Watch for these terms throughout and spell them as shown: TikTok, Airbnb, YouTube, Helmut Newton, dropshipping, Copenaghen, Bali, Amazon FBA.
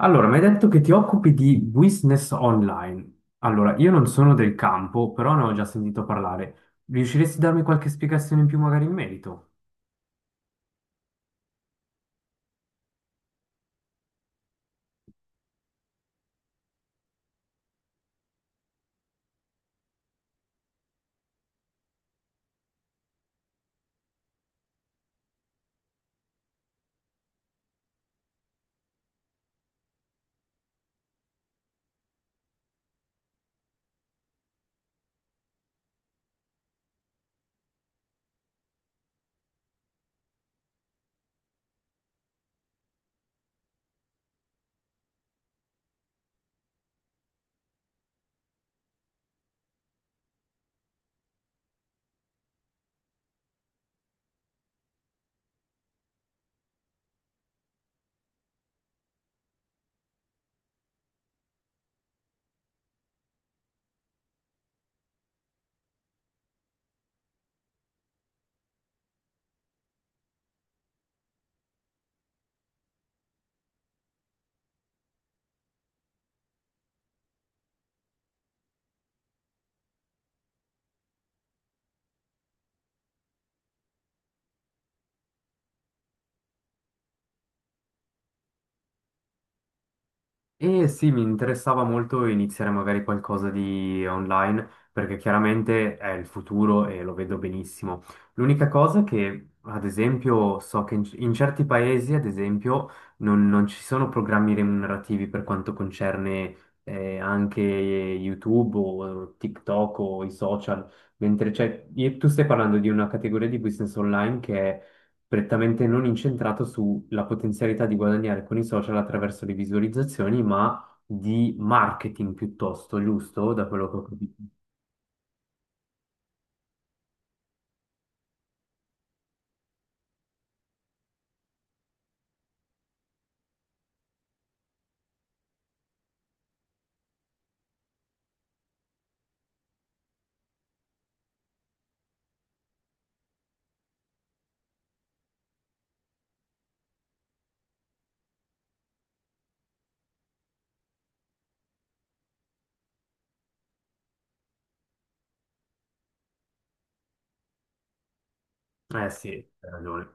Allora, mi hai detto che ti occupi di business online. Allora, io non sono del campo, però ne ho già sentito parlare. Riusciresti a darmi qualche spiegazione in più magari in merito? E sì, mi interessava molto iniziare magari qualcosa di online, perché chiaramente è il futuro e lo vedo benissimo. L'unica cosa che, ad esempio, so che in certi paesi, ad esempio, non ci sono programmi remunerativi per quanto concerne anche YouTube o TikTok o i social, mentre c'è, e tu stai parlando di una categoria di business online che è prettamente non incentrato sulla potenzialità di guadagnare con i social attraverso le visualizzazioni, ma di marketing piuttosto, giusto? Da quello che ho capito. Eh sì, hai ragione.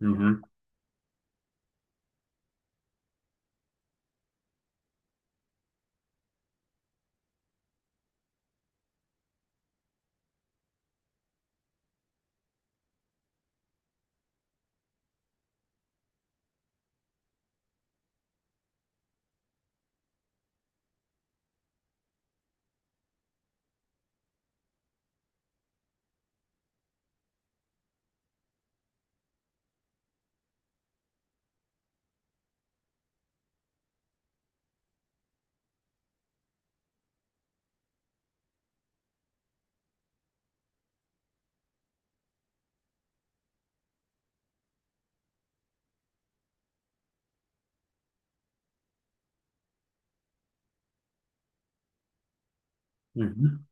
Mhm, mhm.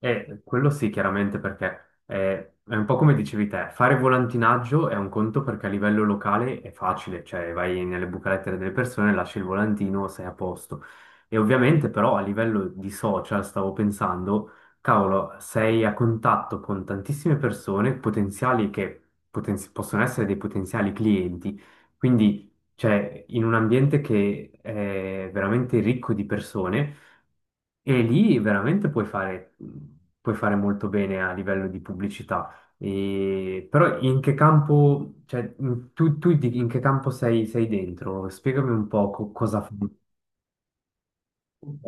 Quello sì, chiaramente, perché è, un po' come dicevi te, fare volantinaggio è un conto perché a livello locale è facile, cioè vai nelle buche lettere delle persone, lasci il volantino, sei a posto. E ovviamente però a livello di social stavo pensando, cavolo, sei a contatto con tantissime persone potenziali che possono essere dei potenziali clienti, quindi cioè in un ambiente che è veramente ricco di persone. E lì veramente puoi fare molto bene a livello di pubblicità. E però in che campo, cioè, in che campo sei, sei dentro? Spiegami un po' cosa fai. Ok.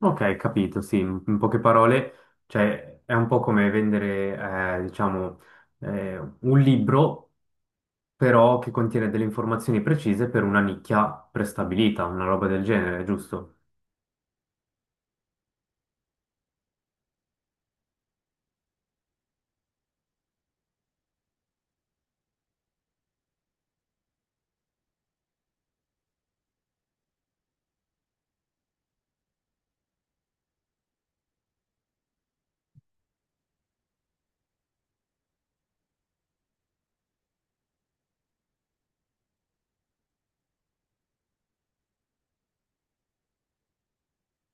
Ok, capito, sì, in poche parole, cioè, è un po' come vendere, diciamo, un libro, però che contiene delle informazioni precise per una nicchia prestabilita, una roba del genere, giusto?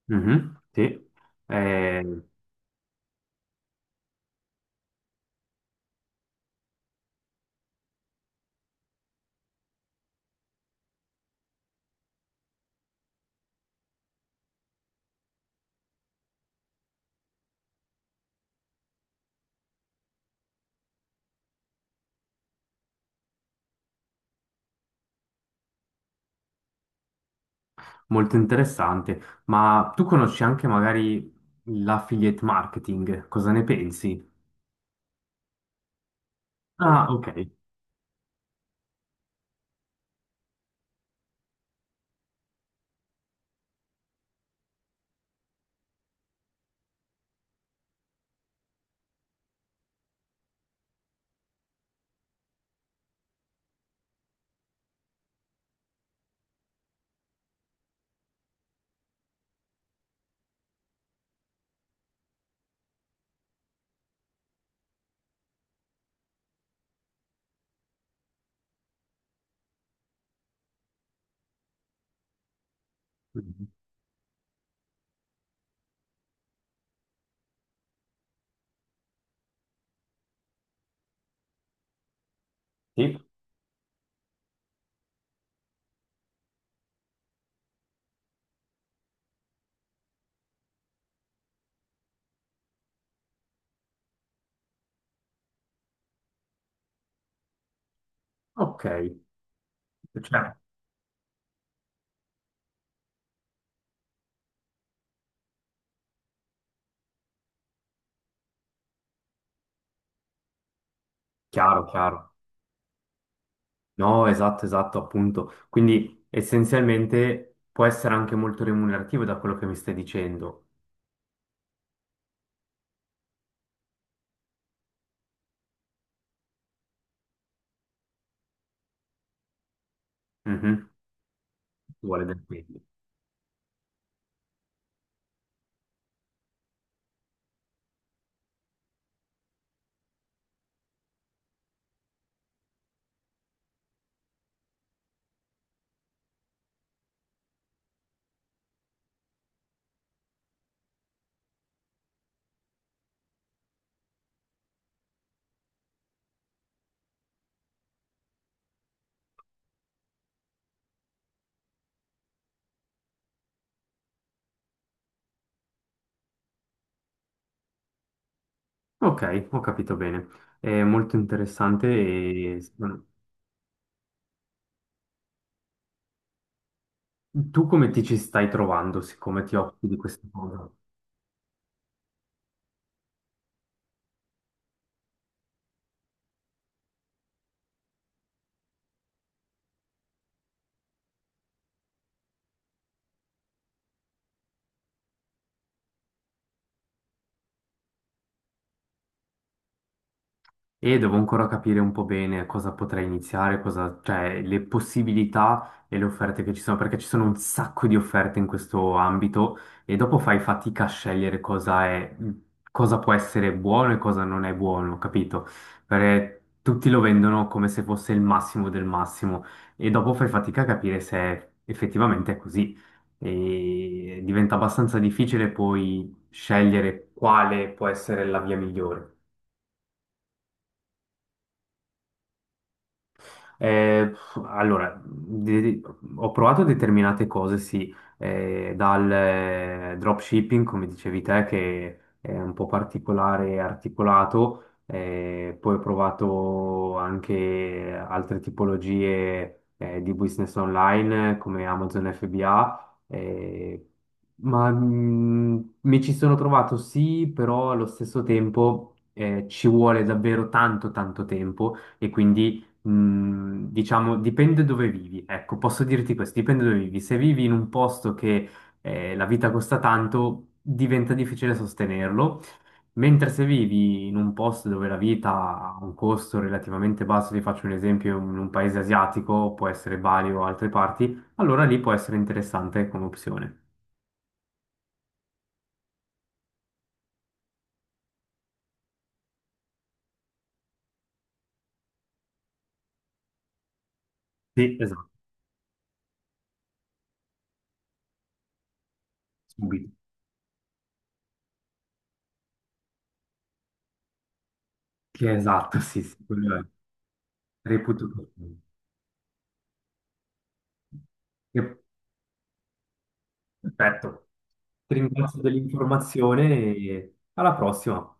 Mhm, sì. Eh. Molto interessante, ma tu conosci anche magari l'affiliate marketing, cosa ne pensi? Ah, ok. Mhm. Sì? Ok, cioè, chiaro, chiaro. No, esatto, esatto, appunto. Quindi essenzialmente può essere anche molto remunerativo da quello che mi stai dicendo. Mhm. Vuole del quindi. Ok, ho capito bene. È molto interessante, e tu come ti ci stai trovando, siccome ti occupi di questa cosa? E devo ancora capire un po' bene cosa potrei iniziare, cosa, cioè le possibilità e le offerte che ci sono, perché ci sono un sacco di offerte in questo ambito e dopo fai fatica a scegliere cosa è, cosa può essere buono e cosa non è buono, capito? Perché tutti lo vendono come se fosse il massimo del massimo e dopo fai fatica a capire se effettivamente è così. E diventa abbastanza difficile poi scegliere quale può essere la via migliore. Eh, allora, ho provato determinate cose, sì, dal dropshipping, come dicevi te, che è un po' particolare e articolato, poi ho provato anche altre tipologie di business online, come Amazon FBA, ma mi ci sono trovato sì, però allo stesso tempo ci vuole davvero tanto tempo e quindi. Mm, diciamo, dipende dove vivi. Ecco, posso dirti questo, dipende dove vivi. Se vivi in un posto che la vita costa tanto, diventa difficile sostenerlo, mentre se vivi in un posto dove la vita ha un costo relativamente basso, ti faccio un esempio, in un paese asiatico, può essere Bali o altre parti, allora lì può essere interessante come opzione. Sì, esatto, subito. Che esatto, sì, sì, quello è. Reputo. Perfetto. Ti ringrazio dell'informazione e alla prossima.